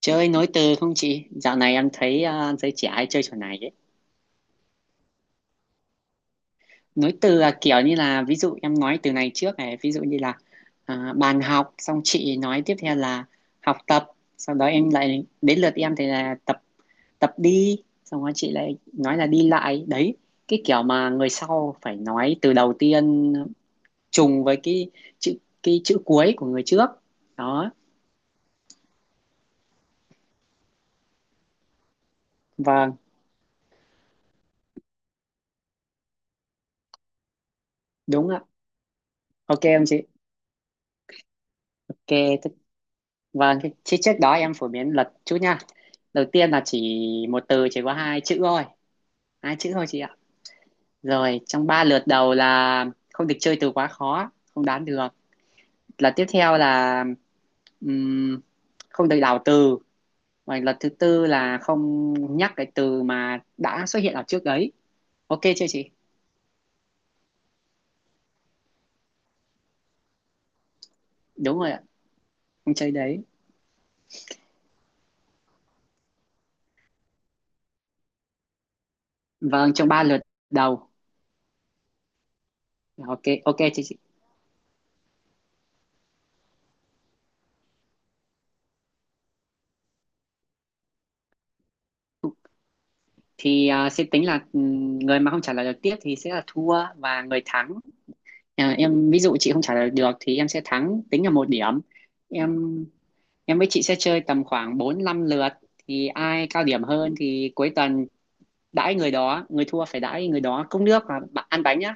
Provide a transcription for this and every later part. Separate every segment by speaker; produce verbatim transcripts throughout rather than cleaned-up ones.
Speaker 1: Chơi nối từ không chị? Dạo này em thấy ờ, giới trẻ hay chơi trò này ấy. Nối từ là kiểu như là ví dụ em nói từ này trước này, ví dụ như là à, bàn học, xong chị nói tiếp theo là học tập, sau đó em lại đến lượt em thì là tập tập đi, xong rồi chị lại nói là đi lại. Đấy, cái kiểu mà người sau phải nói từ đầu tiên trùng với cái chữ cái chữ cuối của người trước. Đó, vâng, đúng ạ. Ok em chị. Ok, thế- vâng, thế thế trước đó em phổ biến luật chút nha. Đầu tiên là chỉ một từ chỉ có hai chữ thôi hai chữ thôi chị ạ, rồi trong ba lượt đầu là không được chơi từ quá khó không đoán được, là tiếp theo là ừm, không được đảo từ, và lần thứ tư là không nhắc cái từ mà đã xuất hiện ở trước đấy. Ok chưa chị? Đúng rồi ạ, không chơi đấy. Vâng, trong ba lượt đầu. Ok ok chị, chị. Thì à, sẽ tính là ừm, người mà không trả lời được tiếp thì sẽ là thua và người thắng, à, em ví dụ chị không trả lời được thì em sẽ thắng tính là một điểm. Em em với chị sẽ chơi tầm khoảng bốn năm lượt, thì ai cao điểm hơn thì cuối tuần đãi người đó, người thua phải đãi người đó cốc nước và bạn ăn bánh nhá.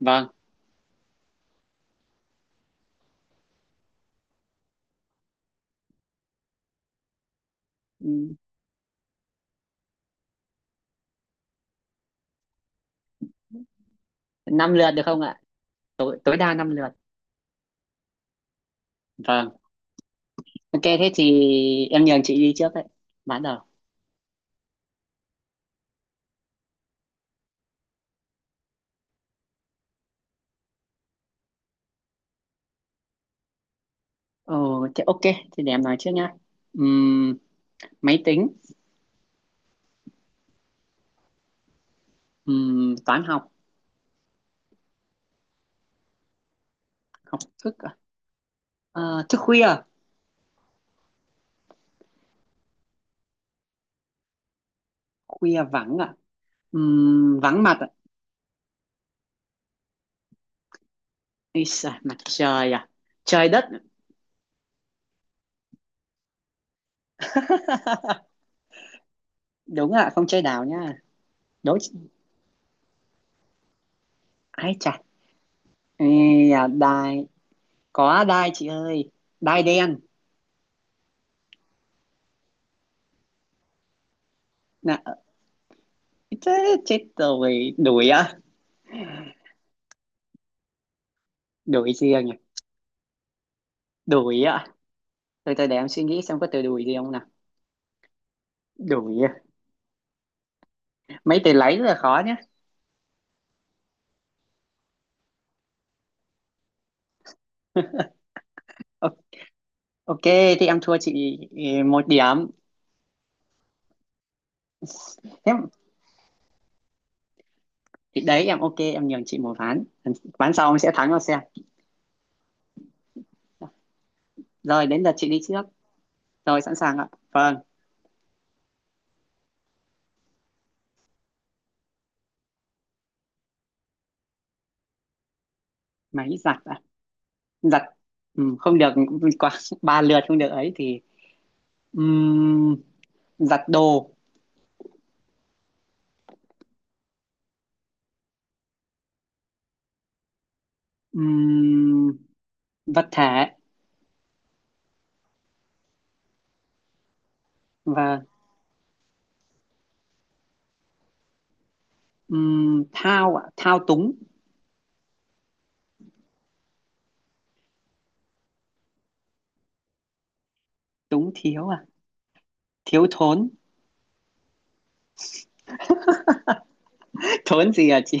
Speaker 1: Vâng. Ừ, năm lượt được không ạ? Tối tối đa năm lượt. Vâng, ok thế thì em nhường chị đi trước đấy, bắt đầu. Ồ thế ok, thì để em nói trước nhá. Ừm, Máy tính. Ừm, toán học. Học thức à? Ờ, thức khuya. Khuya vắng ạ. Ừm, vắng mặt. Ý xài, mặt trời à. Trời đất. đúng ạ, không chơi đảo nha. Đối. Ai chà. Ê, à, đai. Có đai chị ơi, đai đen. Nè. Chết chết rồi, đuổi á. Đuổi riêng à? Đuổi á. Từ từ để em suy nghĩ xem có từ đuổi gì không nào. Đuổi à? Mấy từ lấy rất là khó nhá. Ờ, ok, thì em thua chị ừ, một điểm. Thế thì đấy, em ok em nhường chị một ván, ván sau em sẽ thắng nó xem. Rồi đến lượt chị đi trước. Rồi sẵn sàng ạ, vâng. Máy giặt ạ. Giặt ừ, không được quá ba lượt không được ấy thì ừm, giặt đồ. ừm, Vật thể. Và ừm, thao ạ, thao túng. Túng thiếu à? Thiếu thốn. thốn gì à chị?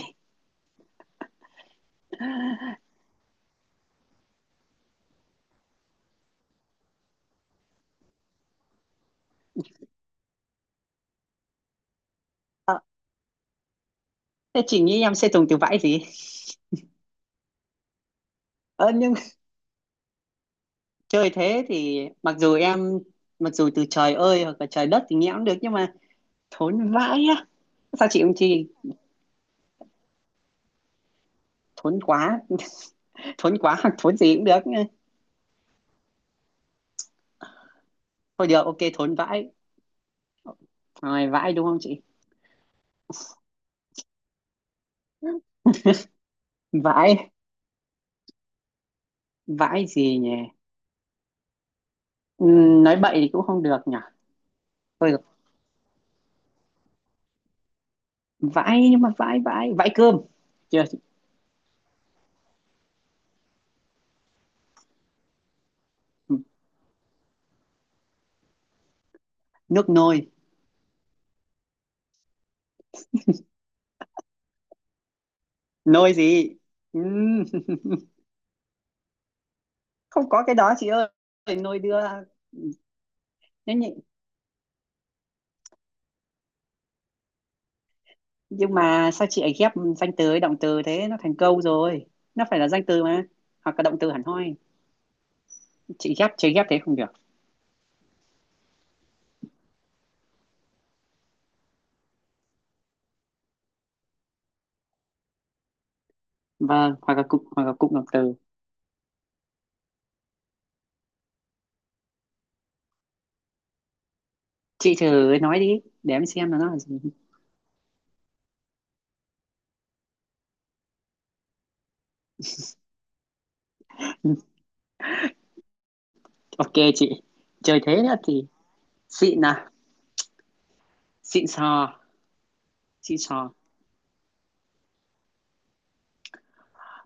Speaker 1: Ờ, Thế chị nghĩ em sẽ dùng từ vãi gì? ờ, nhưng chơi thế thì mặc dù em mặc dù từ trời ơi hoặc là trời đất thì nghe cũng được, nhưng mà thốn vãi á. Sao chị không chi? Thốn quá. Thốn quá hoặc thốn gì cũng được. Thôi được, ok, thốn vãi. Rồi vãi, đúng không chị? Vãi, vãi gì nhỉ? Ừ, nói bậy thì cũng không được nhỉ. Thôi được. Vãi, nhưng mà vãi, vãi vãi cơm, chưa chị? Nước nôi. Nôi gì? Ừ, không có cái đó chị ơi. Nôi đưa. nhưng, nhị- nhưng mà sao chị ấy ghép danh từ với động từ thế, nó thành câu rồi, nó phải là danh từ mà, hoặc là động từ hẳn hoi. Chị ghép chị ghép thế không được. Vâng, hoặc là cụm, hoặc là cụm động từ. Chị thử nói đi để em xem là nó là gì. ok chị. Trời, thế nữa thì xịn à. Xịn sò. Xịn sò.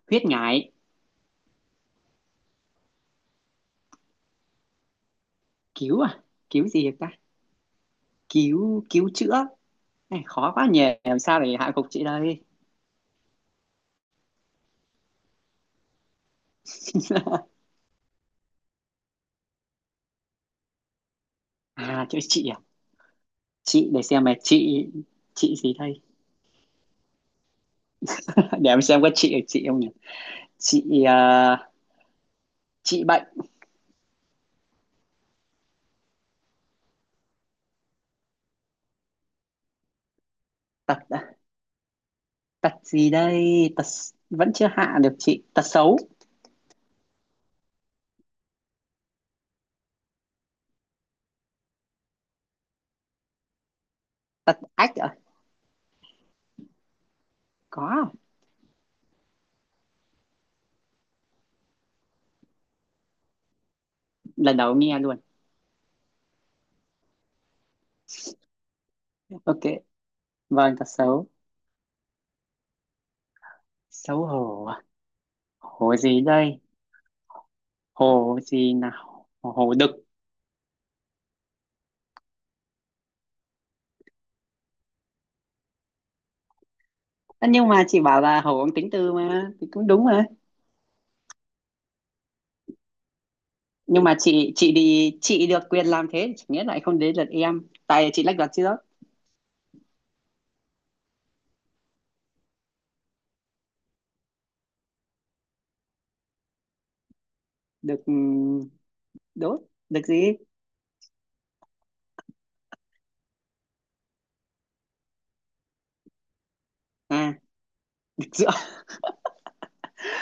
Speaker 1: Khuyết ngại. Cứu à? Cứu gì ta? Cứu cứu chữa. Này khó quá nhỉ, làm sao để hạ gục chị đây. à chữ chị à? Chị để xem mà chị chị gì đây? để em xem có chị ở chị không nhỉ. Chị à, chị bệnh. Tật à? Tật gì đây, tật. Vẫn chưa hạ được chị, tật xấu. Tật ách à? Có à? Lần đầu nghe luôn. Ok, vâng, tật xấu. Xấu hổ à? Hổ gì đây? Hổ gì nào? Hổ đực. Ơ, nhưng mà chị bảo là Hậu Uống tính từ mà thì cũng đúng mà. Nhưng mà chị chị đi, chị được quyền làm thế chẳng nghĩa lại không đến lượt em. Tại chị lách luật chứ đó. Được, ừm, đốt. Được gì? À, được rửa.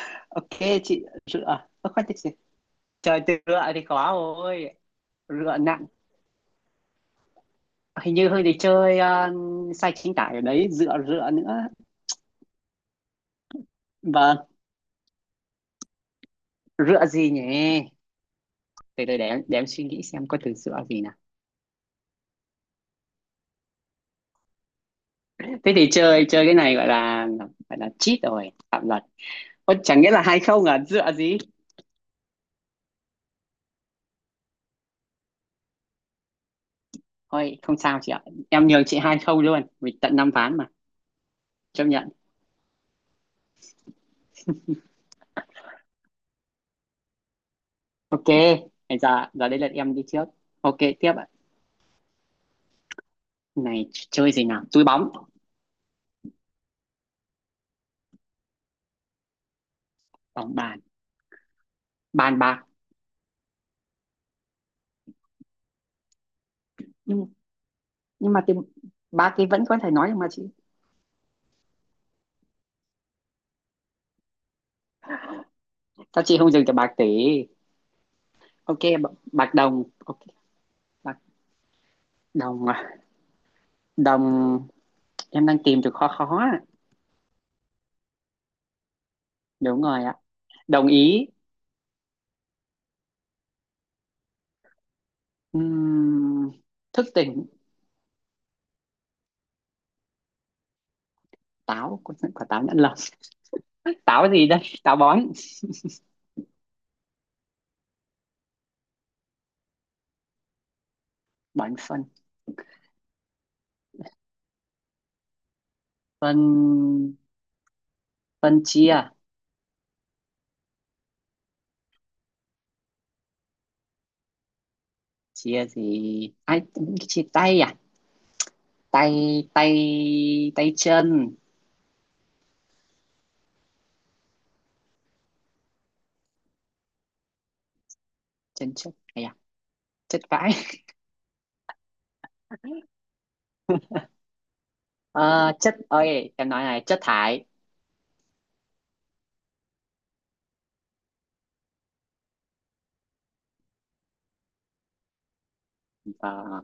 Speaker 1: ok chị. Rửa. Ơ, khoan chị, trời, từ rửa thì khó rồi. Rửa nặng. Hình như hơi đi chơi, ờ, sai chính tả ở đấy, rửa, rửa nữa. Vâng. Rửa gì nhỉ? Từ từ để em để em suy nghĩ xem có từ rửa gì nào. Thế thì chơi chơi cái này gọi là gọi là cheat rồi, phạm luật. Ôi, chẳng nghĩa là hai không à. Dựa gì. Thôi không sao chị ạ, em nhường chị hai không luôn vì tận năm ván mà. Chấp nhận. Ok, bây giờ, giờ đây là em đi trước, ok tiếp ạ. Này ch- chơi gì nào, túi bóng. Bóng bàn. Bàn bạc. nhưng nhưng mà cái ba cái vẫn có thể nói được mà chị. Sao chị không dừng từ bạc tỷ? Ok, b- bạc đồng, ok. Bạc đồng à? Đồng. Em đang tìm từ khó, khó ạ. Đúng rồi ạ, đồng ý. Ừm, Thức tỉnh. Táo quả. Táo nhãn lồng. Táo gì đây, táo bón. Bón phân. Phân, phân chia. Chia gì ai? Chia tay à? Tay, tay, tay chân. Chân chất hay à. Chất vãi. Ờ, Chất ơi, em nói này, chất thải. Ờ,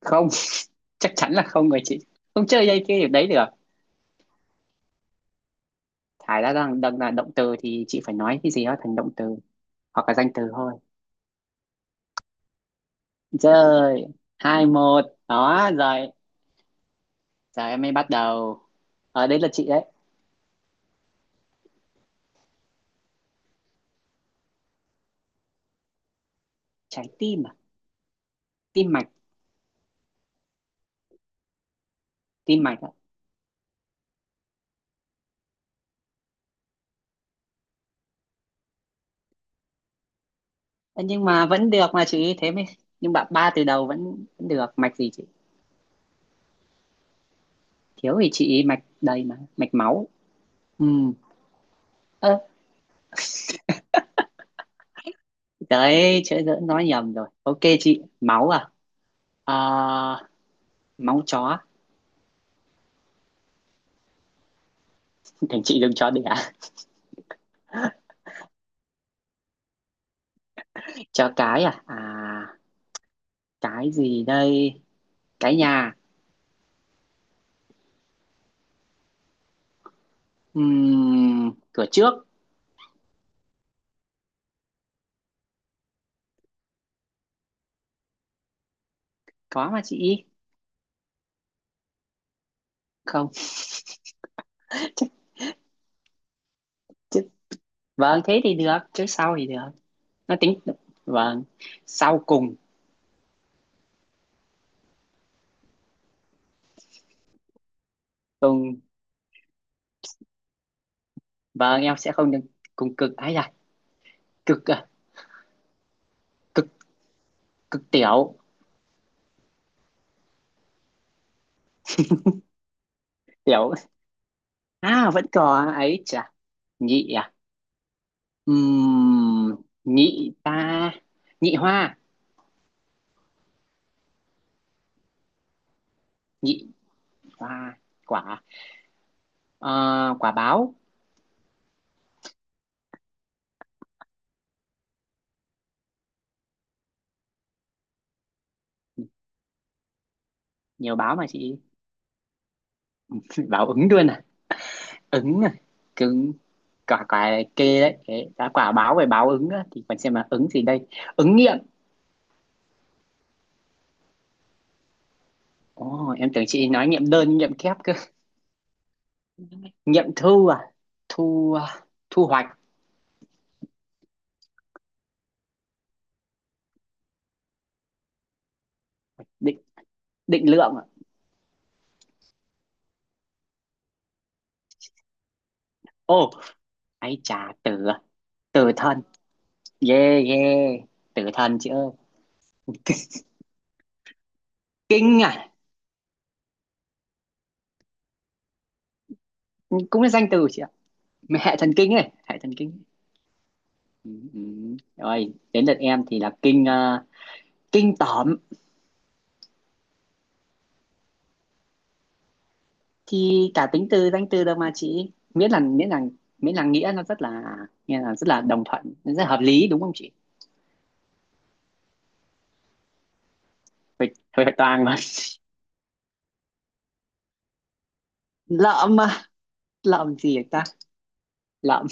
Speaker 1: Không, chắc chắn là không rồi chị, không chơi dây cái điểm đấy được. Thải đã đang đang là động từ thì chị phải nói cái gì đó thành động từ hoặc là danh từ thôi. Rồi, hai một. Đó rồi, giờ em mới bắt đầu ở đấy là chị đấy. Trái tim à? Tim mạch. Tim mạch ạ. Ơ, nhưng mà vẫn được mà chị, thế mới. Nhưng bạn, ba từ đầu vẫn, vẫn được, mạch gì chị? Thiếu thì chị mạch đầy mà, mạch máu. Ừ, ơ đấy chữ dỡ nói nhầm rồi, ok chị. Máu à? Ờ, Máu chó. thành chị đừng chó đẻ. Chó cái, à à. Cái gì đây, cái nhà. Ừm, cửa trước. Có mà chị. Không, chứ. Vâng thế thì được, chứ sau thì được, nó tính. Vâng, sau cùng. Cùng. Vâng em sẽ không được. Cùng cực ấy. Cực à? Cực cực tiểu. Tiểu à? Vẫn có ấy chà. Nhị à? Ừm, Nhị ta. Nhị hoa. Nhị hoa quả. Ờ, Quả báo. Nhiều báo mà chị. báo ứng luôn à? Ứng à? Cứng. Quả, quả kê đấy. Thế, đã quả báo về báo ứng á, thì còn xem là ứng gì đây. Ứng nghiệm. Ồ, em tưởng chị nói nghiệm đơn nghiệm kép cơ. Nghiệm thu à? Thu à, thu hoạch. Định, định lượng à? Ồ, ấy chà, tử à? Tử thần. Ghê ghê. Tử thần chị ơi. Kinh à? Cũng là danh từ chị ạ, hệ thần kinh ấy, hệ thần kinh. Ừ, ừ. Rồi đến lượt em thì là kinh, ờ, kinh tởm. Thì cả tính từ danh từ đâu mà chị, miễn là, miễn là miễn là nghĩa nó rất là, nghe là rất là đồng thuận, nó rất là hợp lý, đúng không chị? Phải phải toàn mà. lợm mà. Lợm gì vậy ta? Lợm.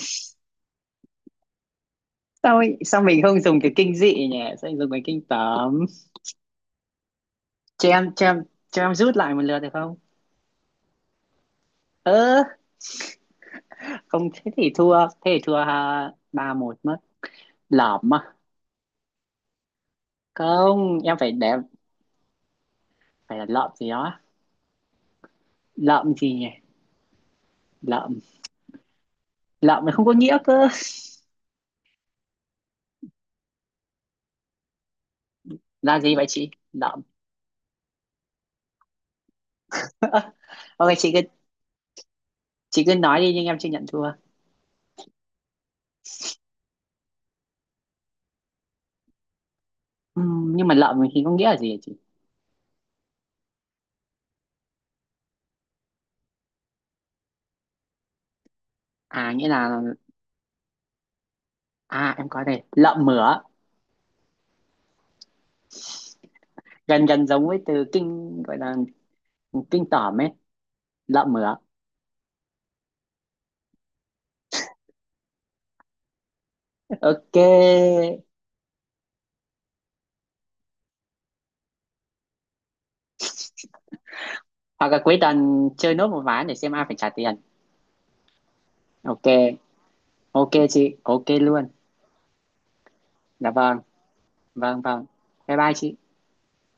Speaker 1: sao ấy- Sao mình không dùng cái kinh dị nhỉ, sao mình dùng cái kinh tởm? cho em cho em cho em rút lại một lượt được không? Ơ, không, thế thì thua, thế thì thua, ba một mất. Lợm à? Không, em phải để, phải là lợm gì đó. Lợm gì nhỉ? Lợm. Lợm nó không có nghĩa cơ. Là gì vậy chị? Lợm. ok chị cứ chị cứ nói đi, nhưng em chưa nhận thua. Ừm, nhưng mà lợm thì có nghĩa là gì hả chị? À nghĩa là. À em có đây, lợm mửa, gần gần giống với từ kinh, gọi là kinh tởm ấy. Lợm mửa. Ok. Hoặc là cuối tuần chơi nốt một ván để xem ai phải trả tiền. Ok, ok chị, ok luôn. Dạ vâng. Vâng, vâng. Bye bye chị.